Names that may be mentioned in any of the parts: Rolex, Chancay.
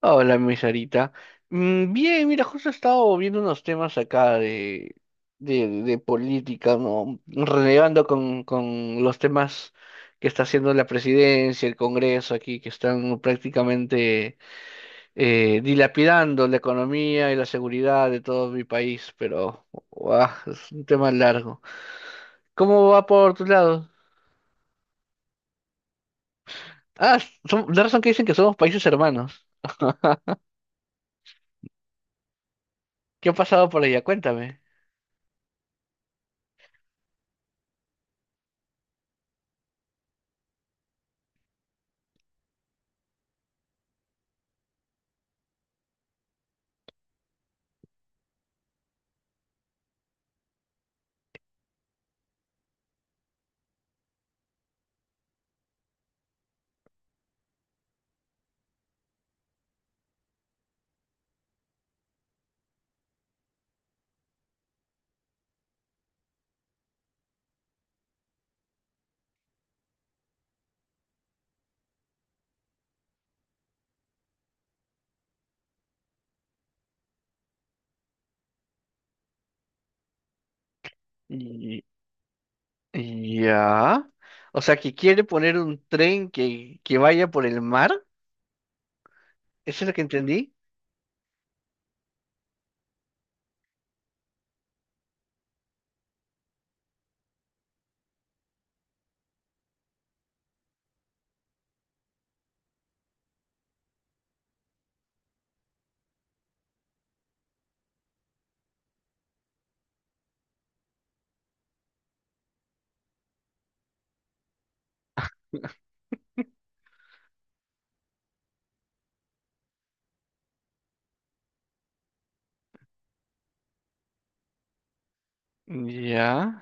Hola, mi Sarita. Bien, mira, justo he estado viendo unos temas acá de política, ¿no? Relevando con los temas que está haciendo la presidencia, el Congreso aquí, que están prácticamente dilapidando la economía y la seguridad de todo mi país, pero guau, es un tema largo. ¿Cómo va por tu lado? Ah, la razón que dicen que somos países hermanos. ¿Qué ha pasado por allá? Cuéntame. Ya. O sea, que quiere poner un tren que vaya por el mar. ¿Eso es lo que entendí? Ya.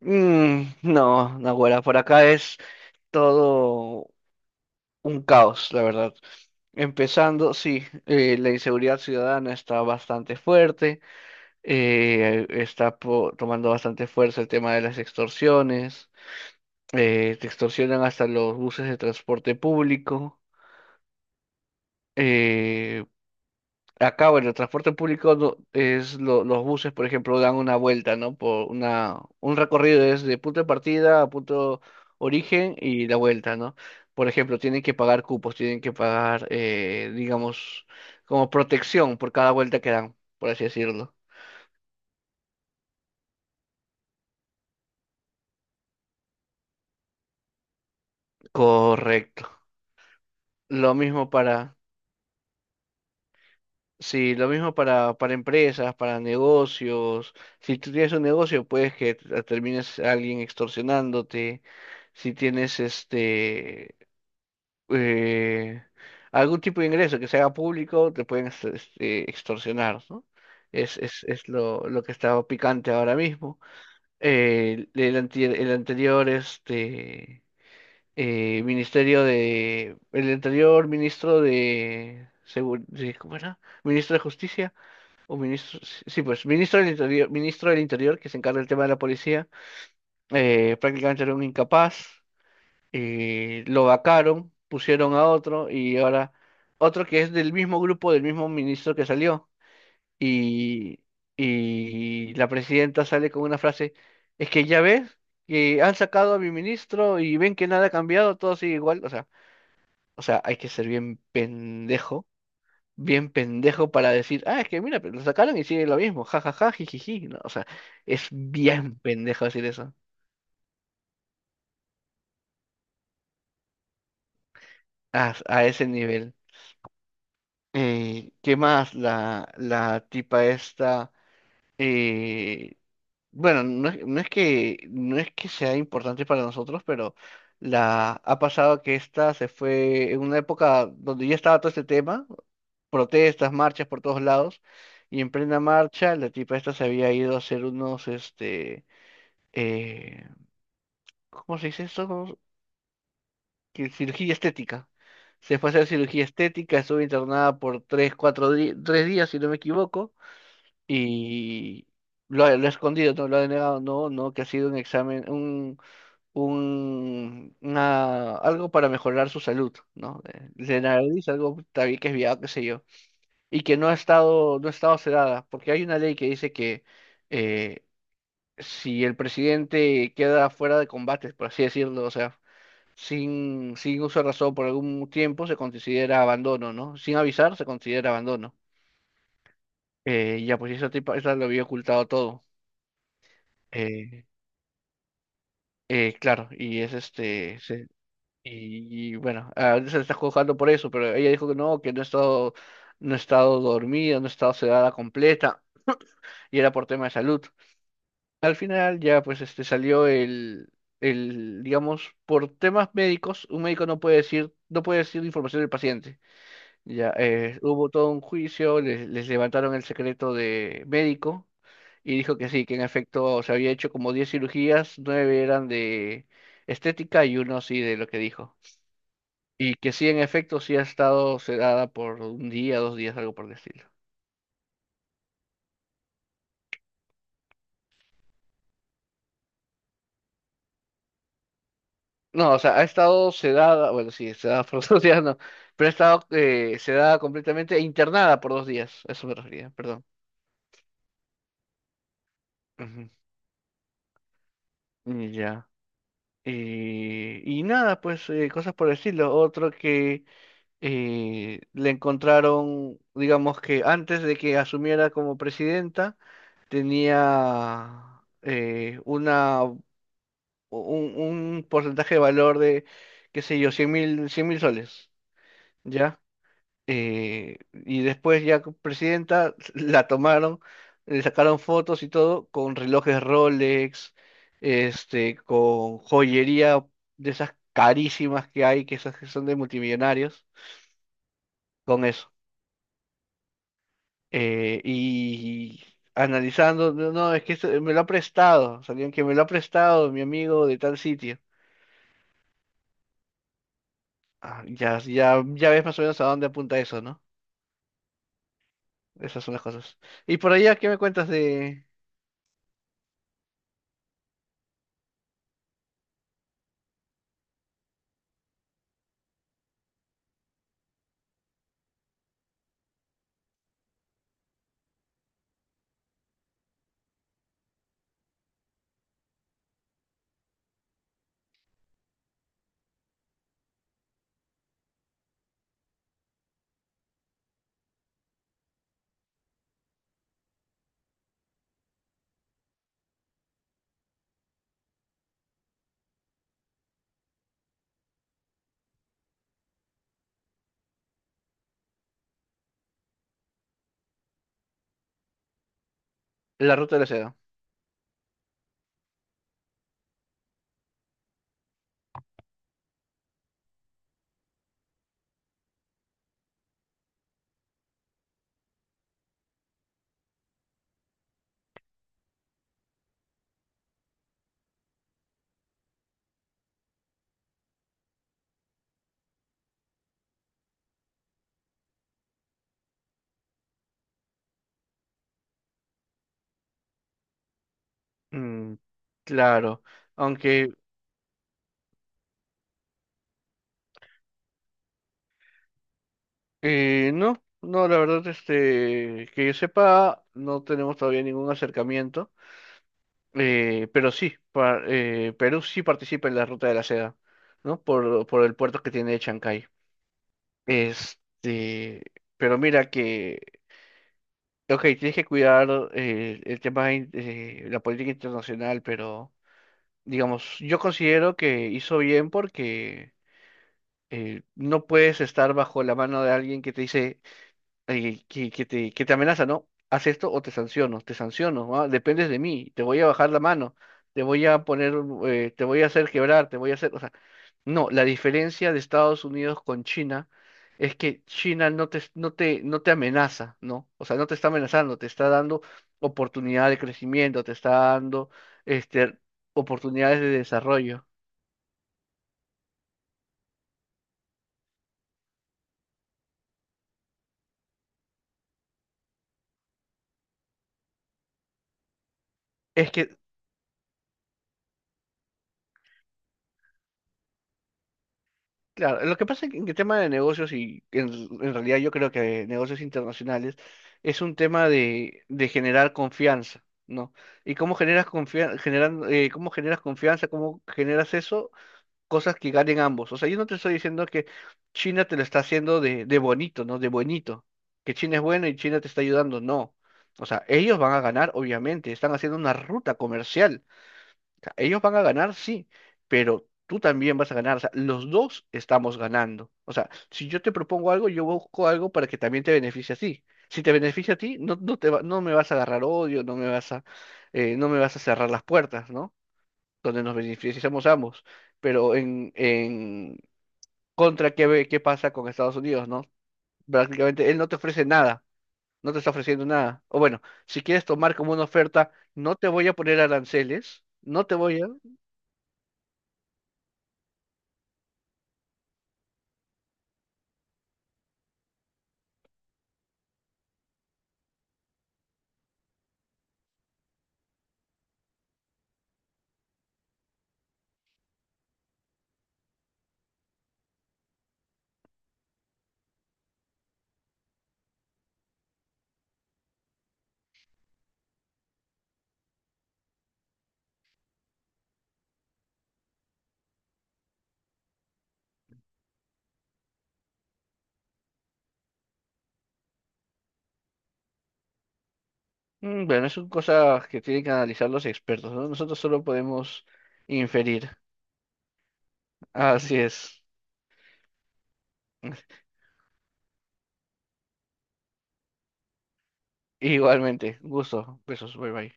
No, naguará, por acá es todo un caos, la verdad. Empezando, sí, la inseguridad ciudadana está bastante fuerte, está tomando bastante fuerza el tema de las extorsiones, te extorsionan hasta los buses de transporte público, eh, acá, bueno, el transporte público es los buses, por ejemplo, dan una vuelta, ¿no? Por una, un recorrido es de punto de partida a punto origen y la vuelta, ¿no? Por ejemplo, tienen que pagar cupos, tienen que pagar, digamos, como protección por cada vuelta que dan, por así decirlo. Correcto. Lo mismo para, sí, lo mismo para empresas, para negocios. Si tú tienes un negocio, puedes que termines a alguien extorsionándote. Si tienes este eh, algún tipo de ingreso que se haga público, te pueden este, extorsionar, ¿no? Lo que está picante ahora mismo. El anterior este, ministerio de... El anterior ministro de... ¿Cómo era? Ministro de Justicia o ministro... Sí, sí, pues ministro del Interior que se encarga del tema de la policía, prácticamente era un incapaz, lo vacaron, pusieron a otro y ahora otro que es del mismo grupo, del mismo ministro que salió. Y, y la presidenta sale con una frase, es que ya ves que han sacado a mi ministro y ven que nada ha cambiado, todo sigue igual. O sea, hay que ser bien pendejo para decir, ah, es que mira, pero lo sacaron y sigue lo mismo, jajaja, jijiji. No, o sea, es bien pendejo decir eso. A ese nivel. ¿Qué más? La tipa esta, eh, bueno, no es que sea importante para nosotros, pero la, ha pasado que esta se fue en una época donde ya estaba todo este tema, protestas, marchas por todos lados, y en plena marcha la tipa esta se había ido a hacer unos, este, eh, ¿cómo se dice eso? ¿Cómo- que Cirugía estética. Se fue a hacer cirugía estética, estuvo internada por tres, cuatro tres días, si no me equivoco, y lo he escondido, no lo he denegado, no, no, que ha sido un examen, una- algo para mejorar su salud, ¿no? De nariz, algo también que es viado, qué sé yo, y que no ha estado sedada, porque hay una ley que dice que eh, si el presidente queda fuera de combates por así decirlo, o sea, sin uso de razón por algún tiempo, se considera abandono, ¿no? Sin avisar, se considera abandono. Ya, pues esa tipa, esa lo había ocultado todo. Eh, claro, y bueno, ahorita se le está juzgando por eso, pero ella dijo que no, que no he estado dormida, no he estado sedada completa, y era por tema de salud. Al final ya pues este salió digamos, por temas médicos, un médico no puede decir información del paciente. Ya, hubo todo un juicio, les levantaron el secreto de médico y dijo que sí, que en efecto se había hecho como 10 cirugías, 9 eran de estética y uno sí de lo que dijo. Y que sí, en efecto, sí ha estado sedada por 1 día, 2 días, algo por el estilo. No, o sea, ha estado sedada, bueno, sí, sedada por 2 días, no, pero ha estado sedada completamente e internada por 2 días, a eso me refería, perdón. Ujú, ya. Y nada, pues cosas por el estilo. Otro que le encontraron, digamos que antes de que asumiera como presidenta, tenía un porcentaje de valor de, qué sé yo, 100 mil soles, ¿ya? Y después ya como presidenta la tomaron, le sacaron fotos y todo con relojes Rolex, este, con joyería de esas carísimas que hay, que esas que son de multimillonarios, con eso. Eh, y analizando, no, no, es que me lo ha prestado, salió que me lo ha prestado mi amigo de tal sitio. Ah, ya ves más o menos a dónde apunta eso, ¿no? Esas son las cosas. Y por allá, ¿qué me cuentas de la ruta de la seda? Mm, claro, aunque no, la verdad, este, que yo sepa, no tenemos todavía ningún acercamiento, pero sí, Perú sí participa en la ruta de la seda, ¿no? Por el puerto que tiene Chancay. Este, pero mira que, ok, tienes que cuidar el tema de la política internacional, pero digamos, yo considero que hizo bien porque no puedes estar bajo la mano de alguien que te dice, que te amenaza, ¿no? Haz esto o te sanciono, ah, dependes de mí, te voy a bajar la mano, te voy a poner, te voy a hacer quebrar, te voy a hacer, o sea, no, la diferencia de Estados Unidos con China es que China no te amenaza, ¿no? O sea, no te está amenazando, te está dando oportunidad de crecimiento, te está dando, este, oportunidades de desarrollo. Es que Claro, lo que pasa es que en el tema de negocios y en realidad yo creo que negocios internacionales es un tema de generar confianza, ¿no? Y cómo generas confianza, generan, cómo generas confianza, cómo generas eso, cosas que ganen ambos. O sea, yo no te estoy diciendo que China te lo está haciendo de bonito, ¿no? De bonito, que China es buena y China te está ayudando, no. O sea, ellos van a ganar, obviamente, están haciendo una ruta comercial, ellos van a ganar, sí, pero tú también vas a ganar. O sea, los dos estamos ganando. O sea, si yo te propongo algo, yo busco algo para que también te beneficie a ti. Si te beneficia a ti, no, no me vas a agarrar odio, no me vas a, no me vas a cerrar las puertas, ¿no? Donde nos beneficiamos ambos. Pero en contra, ¿qué pasa con Estados Unidos, ¿no? Prácticamente él no te ofrece nada, no te está ofreciendo nada. O bueno, si quieres tomar como una oferta, no te voy a poner aranceles, no te voy a... bueno, es son cosas que tienen que analizar los expertos, ¿no? Nosotros solo podemos inferir. Así es. Igualmente, gusto. Besos, bye bye.